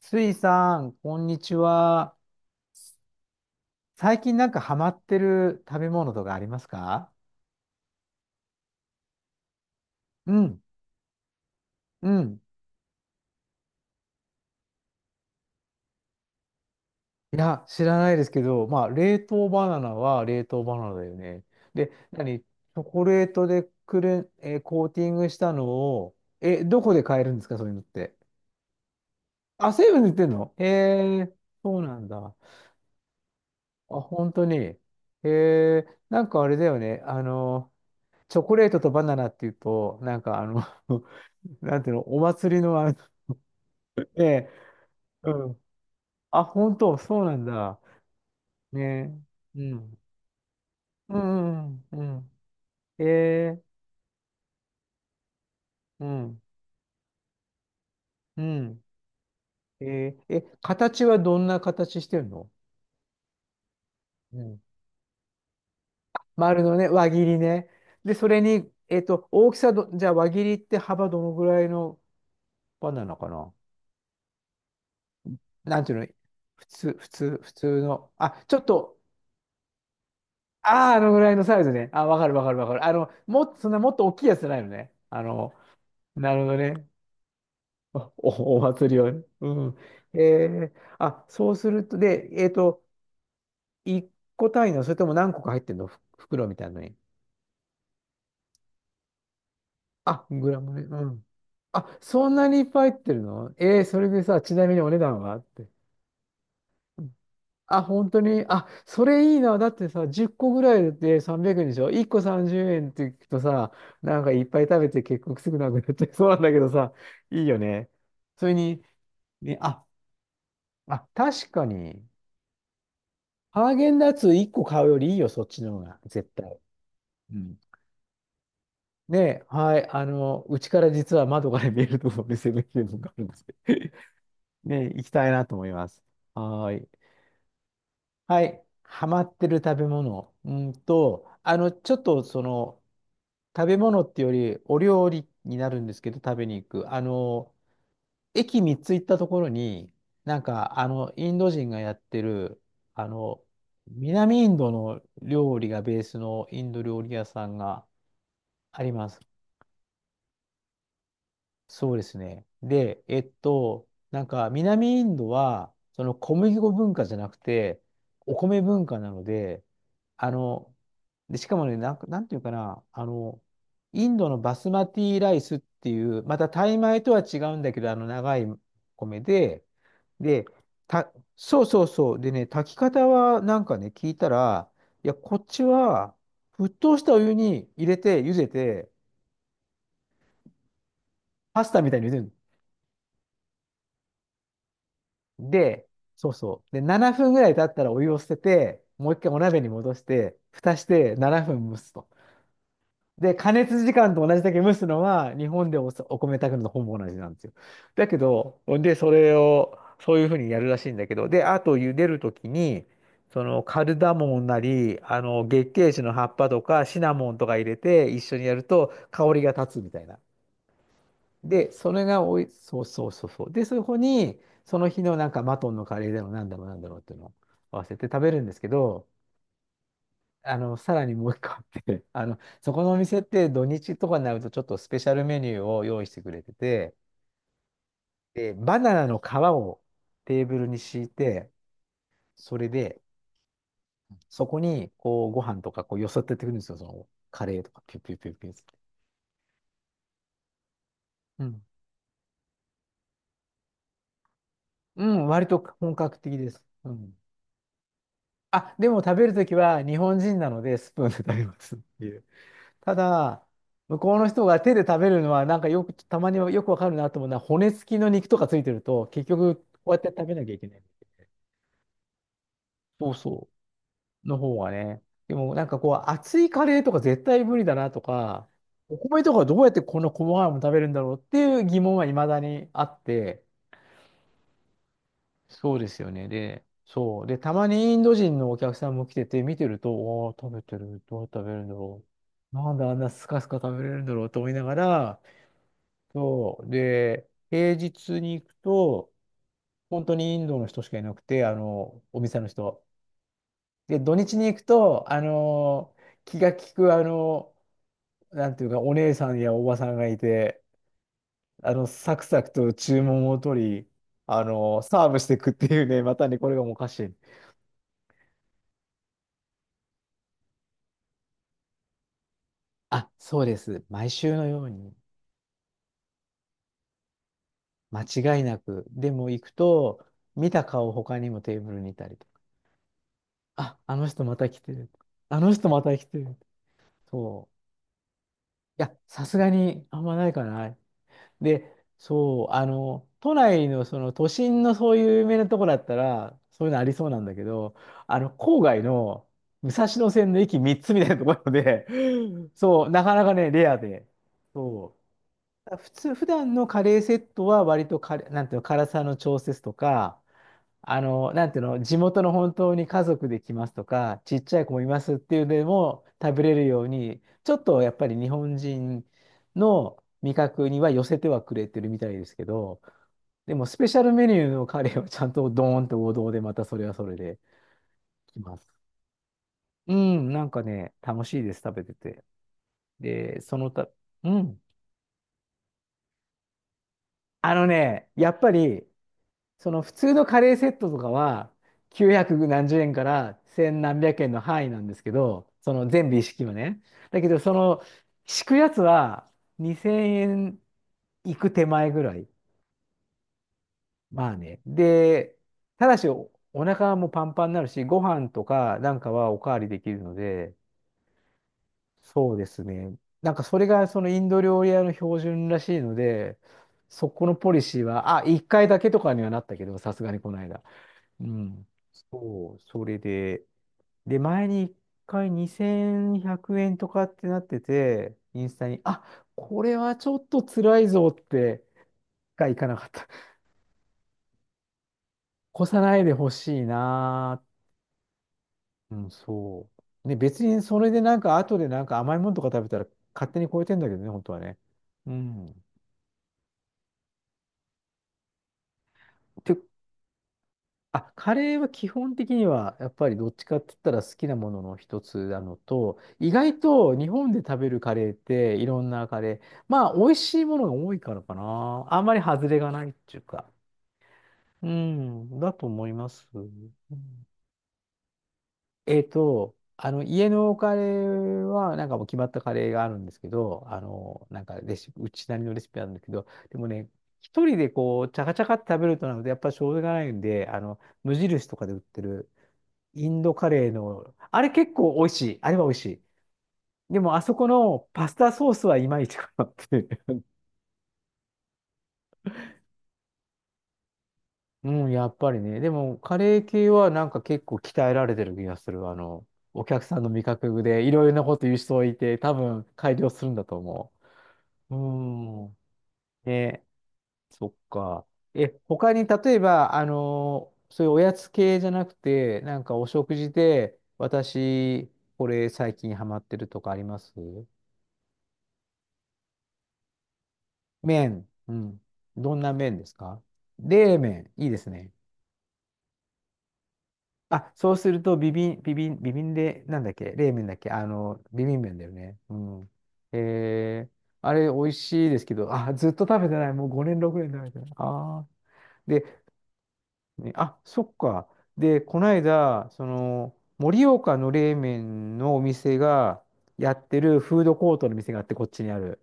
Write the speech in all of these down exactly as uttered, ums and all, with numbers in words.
スイさん、こんにちは。最近なんかハマってる食べ物とかありますか？うん、うん。いや、知らないですけど、まあ、冷凍バナナは冷凍バナナだよね。で、何チョコレートでくるん、えーコーティングしたのを、え、どこで買えるんですかそういうのって？あ、セブンで売ってんの？へえ、そうなんだ。あ、本当に。へえ、なんかあれだよね。あの、チョコレートとバナナっていうと、なんかあの なんていうの、お祭りのあの、ええ、うん。あ、本当、そうなんだ。ね。うん。うん、うん、うん。ええ、うん、うん。ええ、え、形はどんな形してるの？うん。丸のね、輪切りね。で、それに、えっと、大きさど、じゃあ輪切りって幅どのぐらいの輪なのかな？なんていうの？普通、普通、普通の。あ、ちょっと、ああ、あのぐらいのサイズね。あ、わかるわかるわかる。あの、もっと、そんなもっと大きいやつじゃないのね。あの、なるほどね。あお、お祭りをね。うん。ええ、あ、そうすると、で、えっと、いっこ単位の、それとも何個か入ってるのふ袋みたいなのに？あ、グラムね。うん。あ、そんなにいっぱい入ってるの？ええ、それでさ、ちなみにお値段はって。うん、あ、本当に。あ、それいいな。だってさ、じゅっこぐらいでさんびゃくえんでしょ？ いっ 個さんじゅうえんって聞くとさ、なんかいっぱい食べて結局すぐなくなっちゃいそうなんだけどさ、いいよね。それに、ね、あ、あ、確かに。ハーゲンダッツいっこ買うよりいいよ、そっちの方が、絶対。うん。ねえ、はい、あの、うちから実は窓から見えるところで攻めてるのがあるんですけど、 ねえ、行きたいなと思います。はーい。はい。ハマってる食べ物。うんと、あの、ちょっとその、食べ物っていうより、お料理になるんですけど、食べに行く。あの、駅みっつ行ったところに、なんか、あの、インド人がやってる、あの、南インドの料理がベースのインド料理屋さんがあります。そうですね。で、えっと、なんか南インドは、その小麦粉文化じゃなくて、お米文化なので、あの、で、しかもね、なんか、なんていうかな、あの、インドのバスマティライスっていう、またタイ米とは違うんだけど、あの長い米で、で、た、そうそうそう。でね、炊き方はなんかね、聞いたら、いや、こっちは沸騰したお湯に入れて、茹でて、パスタみたいに茹でるので、そうそう。で、ななふんぐらい経ったらお湯を捨てて、もう一回お鍋に戻して、蓋してななふん蒸すと。で、加熱時間と同じだけ蒸すのは、日本でお、お米炊くのとほぼ同じなんですよ。だけど、で、それを、そういうふうにやるらしいんだけど、で、あと茹でるときに、そのカルダモンなり、あの月桂樹の葉っぱとかシナモンとか入れて一緒にやると香りが立つみたいな。で、それがおい、そうそうそうそう。で、そこに、その日のなんかマトンのカレーだろう、なんだろう、なんだろうっていうのを合わせて食べるんですけど、あの、さらにもう一個あって、あの、そこのお店って土日とかになるとちょっとスペシャルメニューを用意してくれてて、で、バナナの皮をテーブルに敷いて、それで、そこにこうご飯とかこうよそってってくるんですよ、そのカレーとか、ピュッピュッピュッピュッつって。うん。うん、割と本格的です。うん。あ、でも食べるときは日本人なのでスプーンで食べますっていう。ただ、向こうの人が手で食べるのはなんかよく、たまにはよくわかるなと思うのは骨付きの肉とかついてると結局こうやって食べなきゃいけない。そうそう。の方がね。でもなんかこう熱いカレーとか絶対無理だなとか、お米とかどうやってこの細かいもの食べるんだろうっていう疑問は未だにあって、そうですよね。で、そう。で、たまにインド人のお客さんも来てて、見てると、おー、食べてる。どう食べるんだろう。なんであんなスカスカ食べれるんだろうと思いながら、そう。で、平日に行くと、本当にインドの人しかいなくて、あの、お店の人。で、土日に行くと、あの、気が利く、あの、なんていうか、お姉さんやおばさんがいて、あの、サクサクと注文を取り、あの、サーブしていくっていうね、またね、これがもうおかしい。あ、そうです。毎週のように。間違いなく。でも行くと、見た顔他にもテーブルにいたりとか。あ、あの人また来てる。あの人また来てる。そう。いや、さすがにあんまないかな。で、そう、あの、都内のその都心のそういう有名なとこだったら、そういうのありそうなんだけど、あの、郊外の武蔵野線の駅みっつみたいなところで、そう、なかなかね、レアで。そう、普通、普段のカレーセットは割とカレー、なんていうの、辛さの調節とか、あの、なんていうの、地元の本当に家族で来ますとか、ちっちゃい子もいますっていうのでも食べれるように、ちょっとやっぱり日本人の味覚には寄せてはくれてるみたいですけど、でもスペシャルメニューのカレーはちゃんとドーンと王道でまたそれはそれで来ます。うん、なんかね、楽しいです、食べてて。で、そのた、うん。あのね、やっぱりその普通のカレーセットとかはきゅうひゃく何十円から千何百円の範囲なんですけど、その全部一式はね。だけど、その敷くやつはにせんえんいく手前ぐらい。まあね。で、ただしお、お腹もパンパンになるし、ご飯とかなんかはおかわりできるので、そうですね。なんかそれがそのインド料理屋の標準らしいので、そこのポリシーは、あ、いっかいだけとかにはなったけど、さすがにこの間。うん。そう、それで、で、前に一回にせんひゃくえんとかってなってて、インスタに、あ、これはちょっと辛いぞって、がいかなかった。越さないでほしいなー。うん、そう。ね、別にそれでなんか、後でなんか甘いものとか食べたら勝手に超えてんだけどね、本当はね。うん。って、あ、カレーは基本的には、やっぱりどっちかって言ったら好きなものの一つなのと、意外と日本で食べるカレーっていろんなカレー、まあ美味しいものが多いからかな。あんまり外れがないっていうか。うん、だと思います。うんえっと、あの、家のカレーは、なんかもう決まったカレーがあるんですけど、あの、なんかレシピ、うちなりのレシピなんだけど、でもね、一人でこう、チャカチャカって食べるとなので、やっぱしょうがないんで、あの、無印とかで売ってる、インドカレーの、あれ結構美味しい。あれは美味しい。でも、あそこのパスタソースはいまいちかなっていう。うん、やっぱりね。でも、カレー系はなんか結構鍛えられてる気がする。あの、お客さんの味覚でいろいろなこと言う人いて、多分改良するんだと思う。うん。ね、そっか。え、他に例えば、あの、そういうおやつ系じゃなくて、なんかお食事で、私、これ最近ハマってるとかあります？麺。うん。どんな麺ですか？冷麺。いいですね。あ、そうすると、ビビン、ビビン、ビビンで、なんだっけ？冷麺だっけ？あの、ビビン麺だよね。うん。えー、あれ、美味しいですけど、あ、ずっと食べてない。もうごねん、ろくねん食べてない。あー。で、ねあ、そっか。で、この間、その、盛岡の冷麺のお店がやってるフードコートの店があって、こっちにある。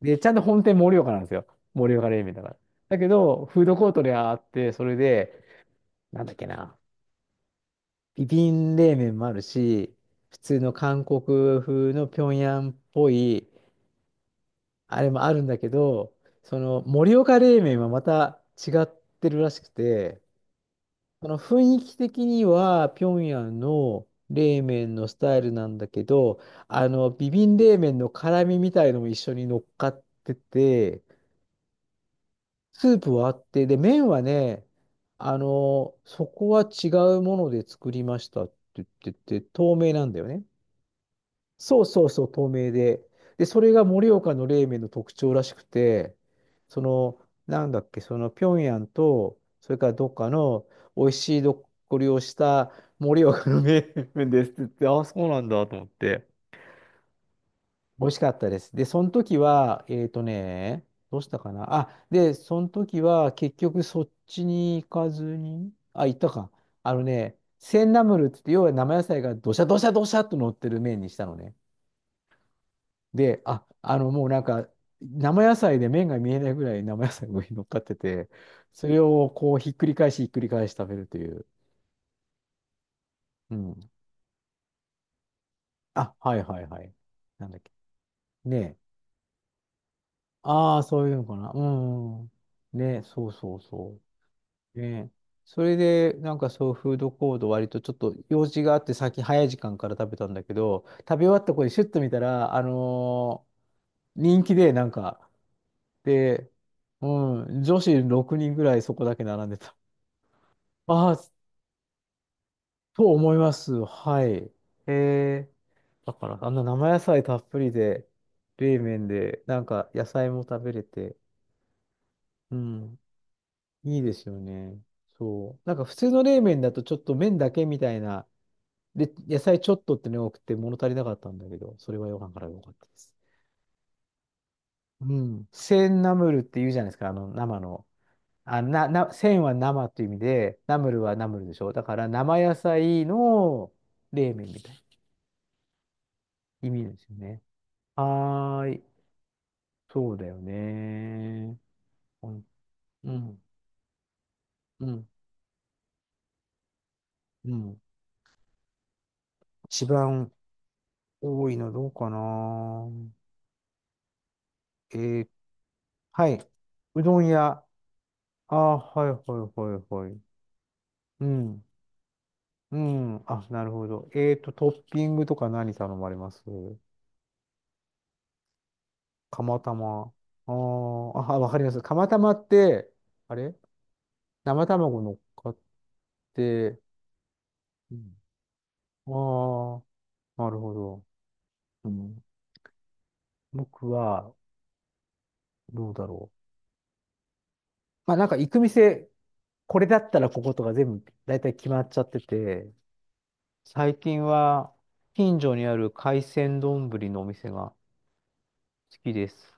で、ちゃんと本店盛岡なんですよ。盛岡冷麺だから。だけど、フードコートであって、それで、なんだっけな、ビビン冷麺もあるし、普通の韓国風の平壌っぽい、あれもあるんだけど、その盛岡冷麺はまた違ってるらしくて、その雰囲気的には平壌の冷麺のスタイルなんだけど、あの、ビビン冷麺の辛みみたいのも一緒に乗っかってて、スープはあって、で、麺はね、あの、そこは違うもので作りましたって言ってて、透明なんだよね。そうそうそう、透明で。で、それが盛岡の冷麺の特徴らしくて、その、なんだっけ、その、平壌と、それからどっかの美味しいどっこりをした盛岡の冷麺ですって言って、ああ、そうなんだと思って。美味しかったです。で、その時は、えっとね、どうしたかな。あ、で、その時は結局そっちに行かずに、あ、行ったか。あのね、センナムルって言って、要は生野菜がどしゃどしゃどしゃっと乗ってる麺にしたのね。で、あ、あの、もうなんか、生野菜で麺が見えないぐらい生野菜が上に乗っかってて、それをこうひっくり返しひっくり返し食べるという。うん。あ、はいはいはい。なんだっけ。ねえ。ああ、そういうのかな。うん。ねえ、そうそうそう。ねえ。それで、なんかそう、フードコート割とちょっと用事があって、先早い時間から食べたんだけど、食べ終わった子にシュッと見たら、あのー人気で、なんか、で、うん、女子ろくにんぐらいそこだけ並んでた。ああ、と思います。はい。えー、だから、あんな生野菜たっぷりで、冷麺で、なんか野菜も食べれて、うん、いいですよね。そう。なんか普通の冷麺だとちょっと麺だけみたいな、で、野菜ちょっとってね、多くて物足りなかったんだけど、それはご飯から良かったです。うん。センナムルって言うじゃないですか、あの、生の。あ、な、な、センは生っていう意味で、ナムルはナムルでしょ。だから生野菜の冷麺みたいな意味ですよね。はーい。そうだよね。うん、うん、うん。うん。一番多いのどうかな。えーはい。うどん屋。あー、はいはいはいはい。うん。うん。あ、なるほど。えっと、トッピングとか何頼まれます？釜玉。あーあ、わかります。釜玉って、あれ生卵乗っかって、うん、ああ、なるほど。うん、僕は、どうだろう。まあ、なんか行く店、これだったらこことか全部、だいたい決まっちゃってて、最近は、近所にある海鮮丼のお店が好きです。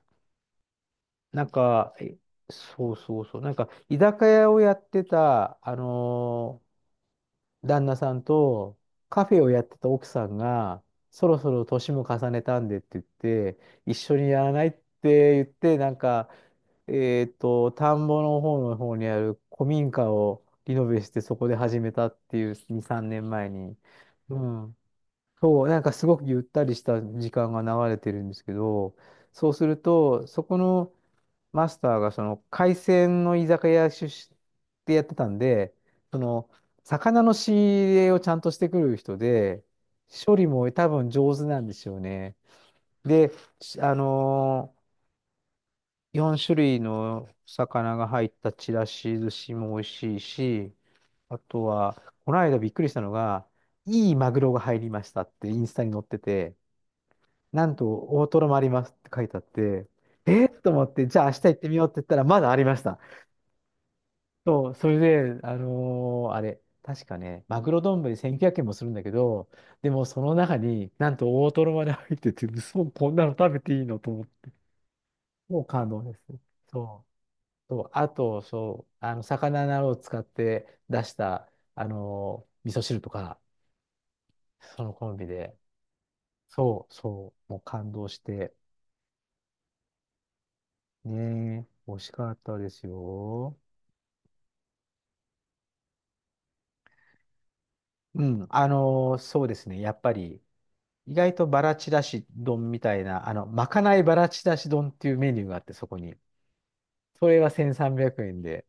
なんか、えそうそうそう、なんか、居酒屋をやってた、あのー旦那さんと、カフェをやってた奥さんが、そろそろ年も重ねたんでって言って、一緒にやらないって言って、なんか、えっと、田んぼの方の方にある古民家をリノベして、そこで始めたっていう、に、さんねんまえに。うん。そう、なんかすごくゆったりした時間が流れてるんですけど、そうすると、そこの、マスターがその海鮮の居酒屋出身でやってたんで、その魚の仕入れをちゃんとしてくる人で、処理も多分上手なんですよね。で、しあのーよん種類の魚が入ったちらし寿司も美味しいし、あとは、この間びっくりしたのが、いいマグロが入りましたってインスタに載ってて、なんと大トロもありますって書いてあって、えー、と思って、じゃあ明日行ってみようって言ったら、まだありました。そう、それで、あのーあれ、確かね、マグロ丼せんきゅうひゃくえんもするんだけど、でもその中になんと大トロまで入ってて、そこんなの食べていいのと思って、もう感動ですね。そう、そう、あと、そう、あの、魚などを使って出した、あのー味噌汁とか、そのコンビで、そう、そう、もう感動して、ねえ、美味しかったですよ。うん、あのーそうですね、やっぱり、意外とバラちらし丼みたいな、あの、まかないバラちらし丼っていうメニューがあって、そこに。それはせんさんびゃくえんで、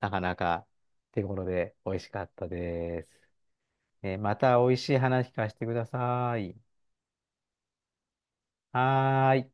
なかなか手頃で美味しかったです。えーまた美味しい話聞かせてください。はーい。